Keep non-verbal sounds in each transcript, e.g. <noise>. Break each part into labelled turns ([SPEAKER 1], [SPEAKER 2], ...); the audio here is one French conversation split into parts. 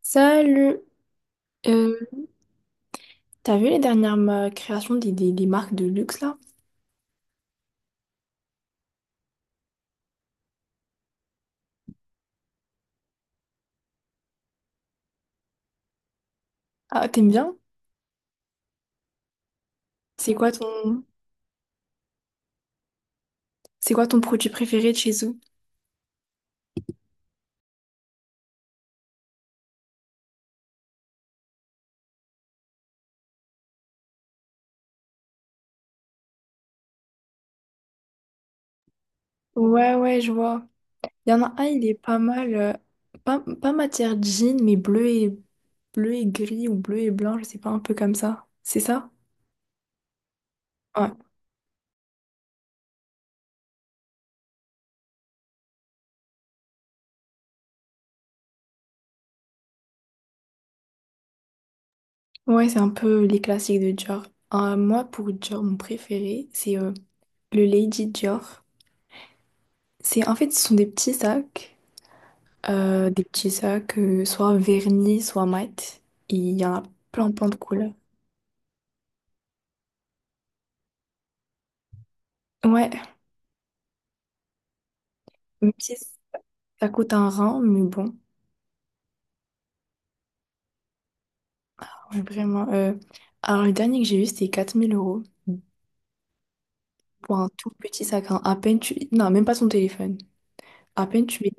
[SPEAKER 1] Salut. Euh, t'as vu les dernières créations des marques de luxe là? Ah, t'aimes bien? C'est quoi ton c'est quoi ton produit préféré de chez eux? Ouais, ouais, je vois. Il y en a un, il est pas mal. Pas matière jean, mais bleu et gris ou bleu et blanc, je sais pas, un peu comme ça. C'est ça? Ouais. Ouais, c'est un peu les classiques de Dior. Moi, pour Dior, mon préféré, c'est le Lady Dior. C'est en fait, ce sont des petits sacs. Des petits sacs, soit vernis, soit mat. Et il y en a plein, plein de couleurs. Ouais, même si ça coûte un rein, mais bon, ouais, vraiment. Alors, le dernier que j'ai eu, c'était 4 000 € pour un tout petit sac, hein. À peine tu. Non, même pas son téléphone. À peine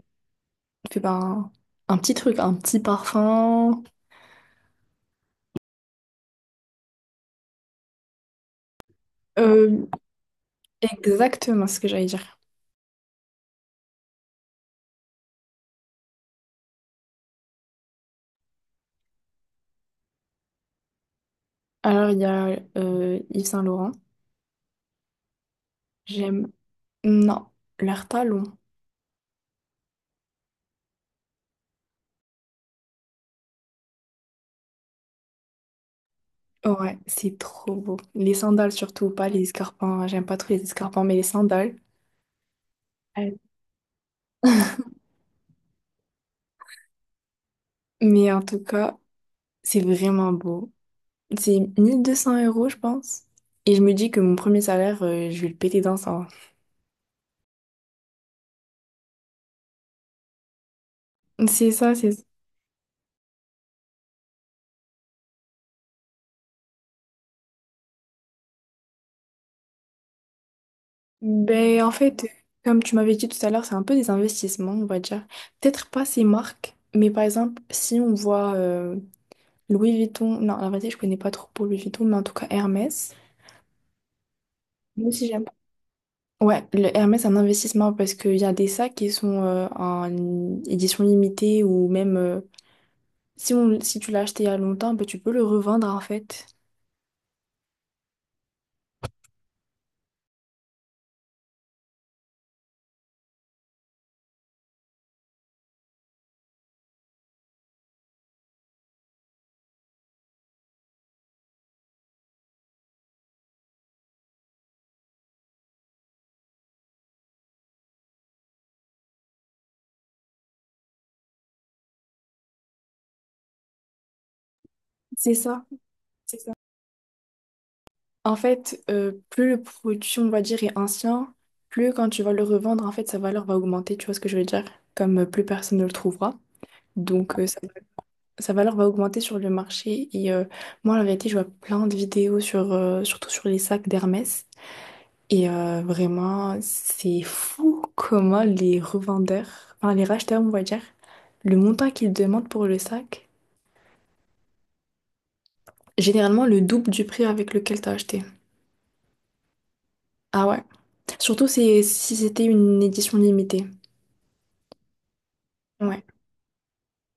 [SPEAKER 1] tu fais pas un petit truc, un petit parfum. Euh, Exactement ce que j'allais dire. Alors, il y a Yves Saint Laurent. J'aime. Non, leur talon. Ouais, c'est trop beau. Les sandales surtout, pas les escarpins. J'aime pas trop les escarpins, mais les sandales. Ouais. <laughs> Mais en tout cas, c'est vraiment beau. C'est 1200 euros, je pense. Et je me dis que mon premier salaire, je vais le péter dans ça. C'est ça, c'est ça. Ben, en fait, comme tu m'avais dit tout à l'heure, c'est un peu des investissements, on va dire. Peut-être pas ces marques, mais par exemple, si on voit Louis Vuitton, non, la vérité, je connais pas trop pour Louis Vuitton, mais en tout cas Hermès. Moi aussi, j'aime. Ouais, le Hermès, c'est un investissement parce qu'il y a des sacs qui sont en édition limitée ou même si tu l'as acheté il y a longtemps, ben, tu peux le revendre en fait. C'est ça, c'est ça. En fait, plus le produit, on va dire, est ancien, plus quand tu vas le revendre, en fait, sa valeur va augmenter, tu vois ce que je veux dire? Comme plus personne ne le trouvera. Donc, sa valeur va augmenter sur le marché. Et moi, la vérité, je vois plein de vidéos surtout sur les sacs d'Hermès. Et vraiment, c'est fou comment les revendeurs, enfin les racheteurs, on va dire, le montant qu'ils demandent pour le sac, généralement le double du prix avec lequel t'as acheté. Ah ouais. Surtout si c'était une édition limitée. Ouais,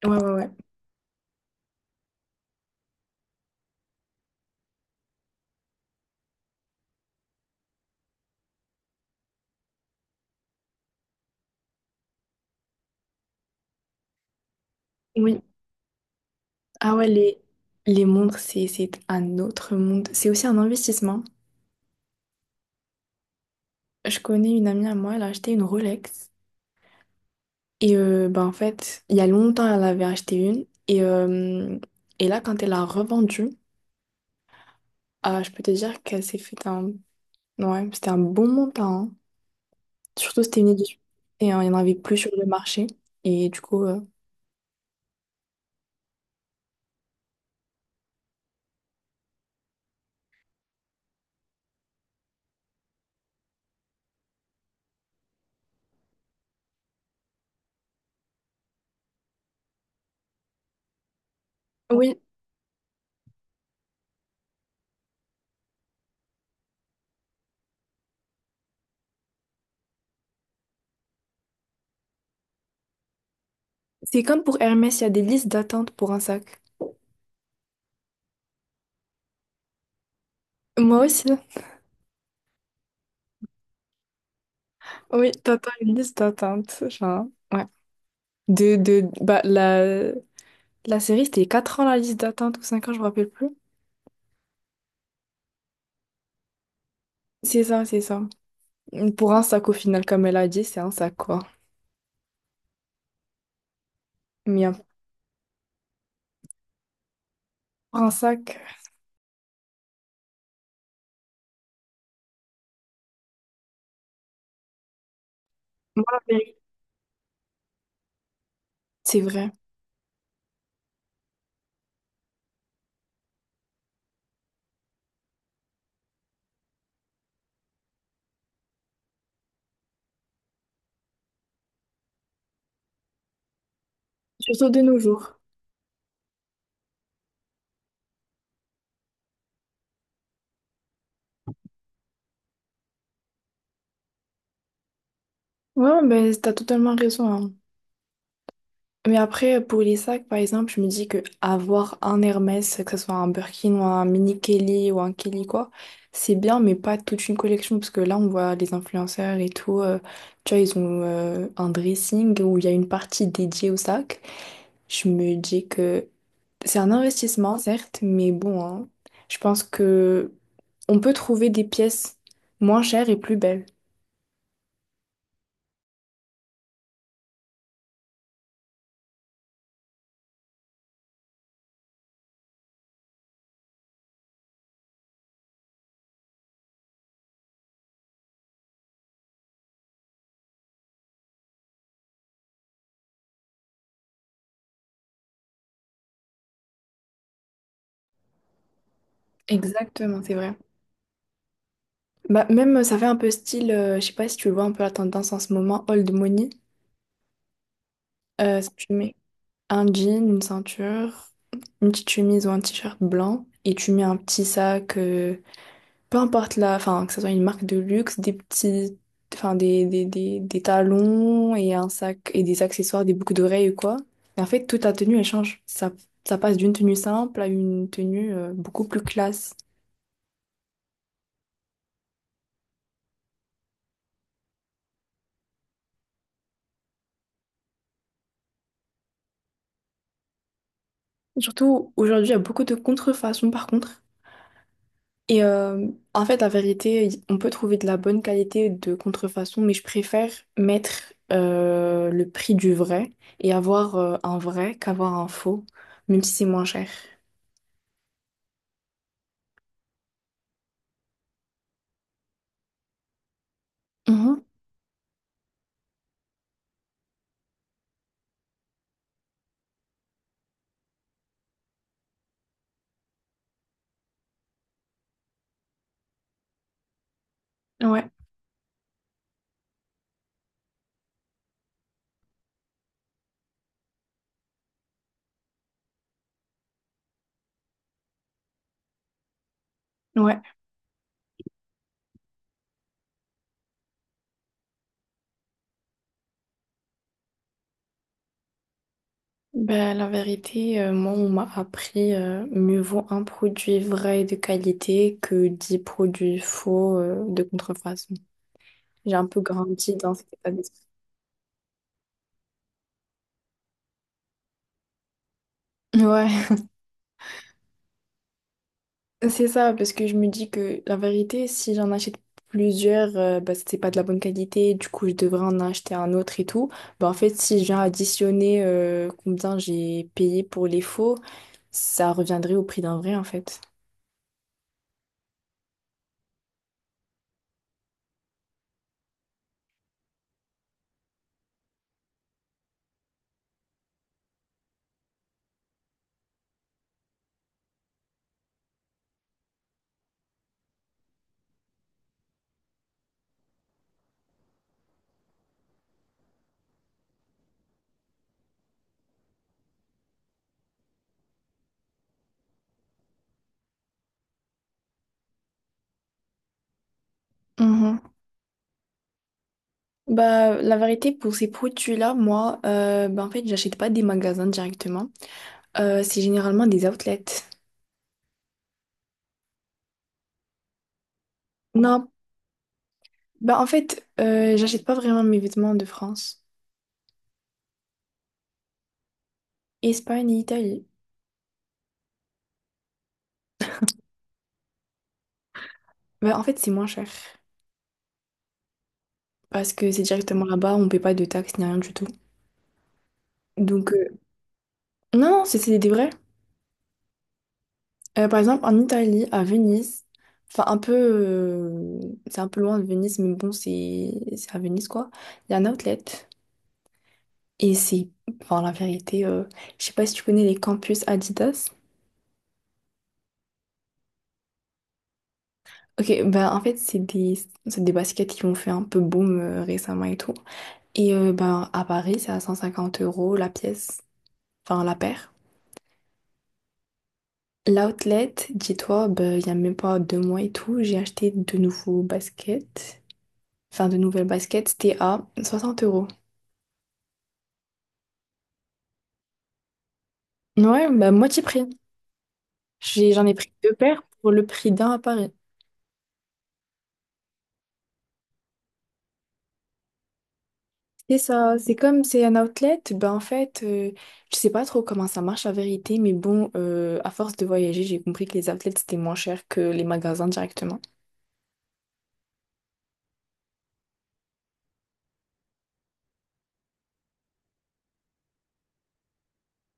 [SPEAKER 1] ouais, ouais, ouais. Oui. Ah ouais, les montres, c'est un autre monde. C'est aussi un investissement. Je connais une amie à moi, elle a acheté une Rolex. Et bah, en fait, il y a longtemps, elle avait acheté une. Et là, quand elle a revendu. Ah, je peux te dire qu'elle s'est fait un. Ouais, c'était un bon montant, hein. Surtout, c'était une édition. Et il n'y en avait plus sur le marché. Et du coup. Oui, c'est comme pour Hermès, il y a des listes d'attente pour un sac. Moi aussi. Oui, t'attends une liste d'attente. Genre, ouais. Bah, la série, c'était 4 ans la liste d'attente ou 5 ans, je me rappelle plus. C'est ça, c'est ça. Pour un sac, au final, comme elle a dit, c'est un sac, quoi. Mais un- pour un sac, moi, la vérité, c'est vrai. Surtout de nos jours. Ouais, ben, t'as totalement raison, hein. Mais après, pour les sacs, par exemple, je me dis que avoir un Hermès, que ce soit un Birkin ou un mini Kelly ou un Kelly quoi, c'est bien, mais pas toute une collection, parce que là, on voit les influenceurs et tout, tu vois, ils ont un dressing où il y a une partie dédiée au sac. Je me dis que c'est un investissement, certes, mais bon, hein, je pense que on peut trouver des pièces moins chères et plus belles. Exactement, c'est vrai. Bah, même, ça fait un peu style, je sais pas si tu vois un peu la tendance en ce moment, old money. Si tu mets un jean, une ceinture, une petite chemise ou un t-shirt blanc et tu mets un petit sac, peu importe la, enfin, que ce soit une marque de luxe, des petits, enfin, des talons et un sac et des accessoires, des boucles d'oreilles ou quoi. Et en fait, toute ta tenue, elle change. Ça passe d'une tenue simple à une tenue, beaucoup plus classe. Surtout, aujourd'hui, il y a beaucoup de contrefaçons par contre. Et en fait, la vérité, on peut trouver de la bonne qualité de contrefaçon, mais je préfère mettre le prix du vrai et avoir un vrai qu'avoir un faux, même si c'est moins cher. Mhm. Ouais, ouais. Ben, la vérité, moi, on m'a appris mieux vaut un produit vrai et de qualité que 10 produits faux de contrefaçon. J'ai un peu grandi dans cet état d'esprit. Ouais. C'est ça, parce que je me dis que la vérité, si j'en achète plusieurs, bah, c'est pas de la bonne qualité, du coup je devrais en acheter un autre et tout. Bah, en fait, si je viens additionner combien j'ai payé pour les faux, ça reviendrait au prix d'un vrai en fait. Mhm. Bah, la vérité, pour ces produits-là, moi, bah, en fait, j'achète pas des magasins directement. C'est généralement des outlets. Non, bah, en fait, j'achète pas vraiment mes vêtements de France, Espagne et Italie. Bah, en fait, c'est moins cher, parce que c'est directement là-bas, on ne paie pas de taxes ni rien du tout. Donc, non, non, c'est des vrais. Par exemple, en Italie, à Venise, enfin, un peu, c'est un peu loin de Venise, mais bon, c'est à Venise, quoi. Il y a un outlet. Et enfin, la vérité, je sais pas si tu connais les campus Adidas. Ok, ben en fait, c'est des baskets qui ont fait un peu boom récemment et tout. Et ben, à Paris, c'est à 150 euros la pièce, enfin, la paire. L'outlet, dis-toi, ben, il y a même pas 2 mois et tout, j'ai acheté de nouveaux baskets. Enfin, de nouvelles baskets, c'était à 60 euros. Ouais, bah moitié prix. J'en ai pris deux paires pour le prix d'un à Paris. C'est ça, c'est comme c'est un outlet, ben en fait, je sais pas trop comment ça marche la vérité, mais bon, à force de voyager, j'ai compris que les outlets c'était moins cher que les magasins directement.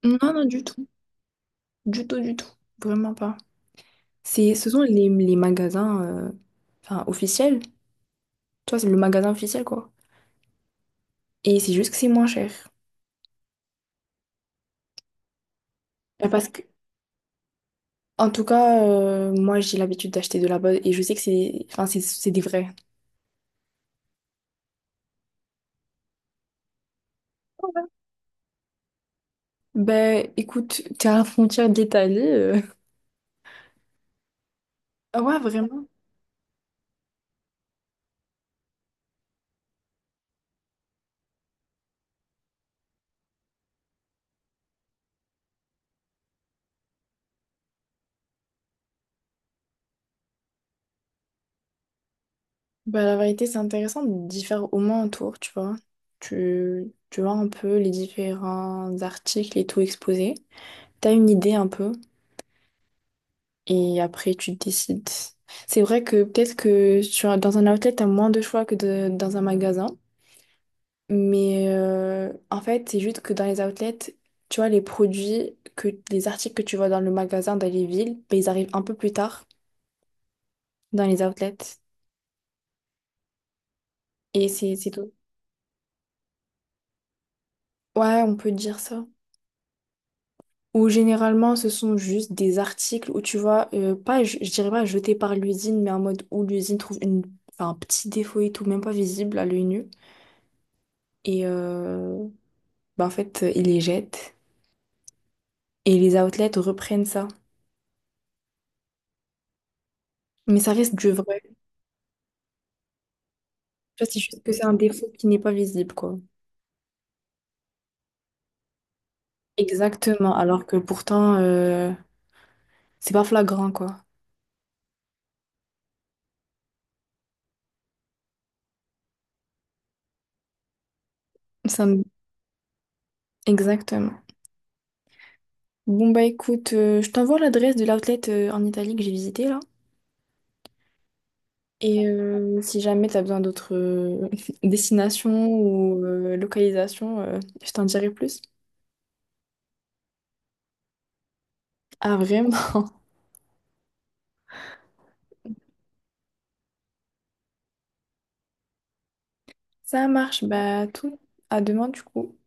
[SPEAKER 1] Non, non, du tout, du tout, du tout, vraiment pas. Ce sont les magasins, enfin, officiels. Tu vois, c'est le magasin officiel, quoi. Et c'est juste que c'est moins cher. Parce que, en tout cas, moi, j'ai l'habitude d'acheter de là-bas et je sais que c'est enfin, c'est des vrais. Ben, écoute, t'es à la frontière de l'Italie. Ah ouais, vraiment? Ben, la vérité, c'est intéressant d'y faire au moins un tour, tu vois. Tu vois un peu les différents articles et tout exposés. T'as une idée un peu et après, tu décides. C'est vrai que peut-être que dans un outlet, t'as moins de choix que dans un magasin. Mais en fait, c'est juste que dans les outlets, tu vois, les articles que tu vois dans le magasin, dans les villes, ben, ils arrivent un peu plus tard dans les outlets. Et c'est tout. Ouais, on peut dire ça. Ou généralement, ce sont juste des articles où tu vois, pas, je dirais pas jetés par l'usine, mais en mode où l'usine trouve enfin, un petit défaut et tout, même pas visible à l'œil nu. Et ben, en fait, ils les jettent. Et les outlets reprennent ça. Mais ça reste du vrai. Tu vois, c'est juste que c'est un défaut qui n'est pas visible, quoi. Exactement, alors que pourtant, c'est pas flagrant, quoi. Ça me- Exactement. Bon, bah écoute, je t'envoie l'adresse de l'outlet en Italie que j'ai visité, là. Et si jamais t'as besoin d'autres <laughs> destinations ou localisations, je t'en dirai plus. Ah, vraiment? <laughs> Ça marche, bah tout. À demain, du coup.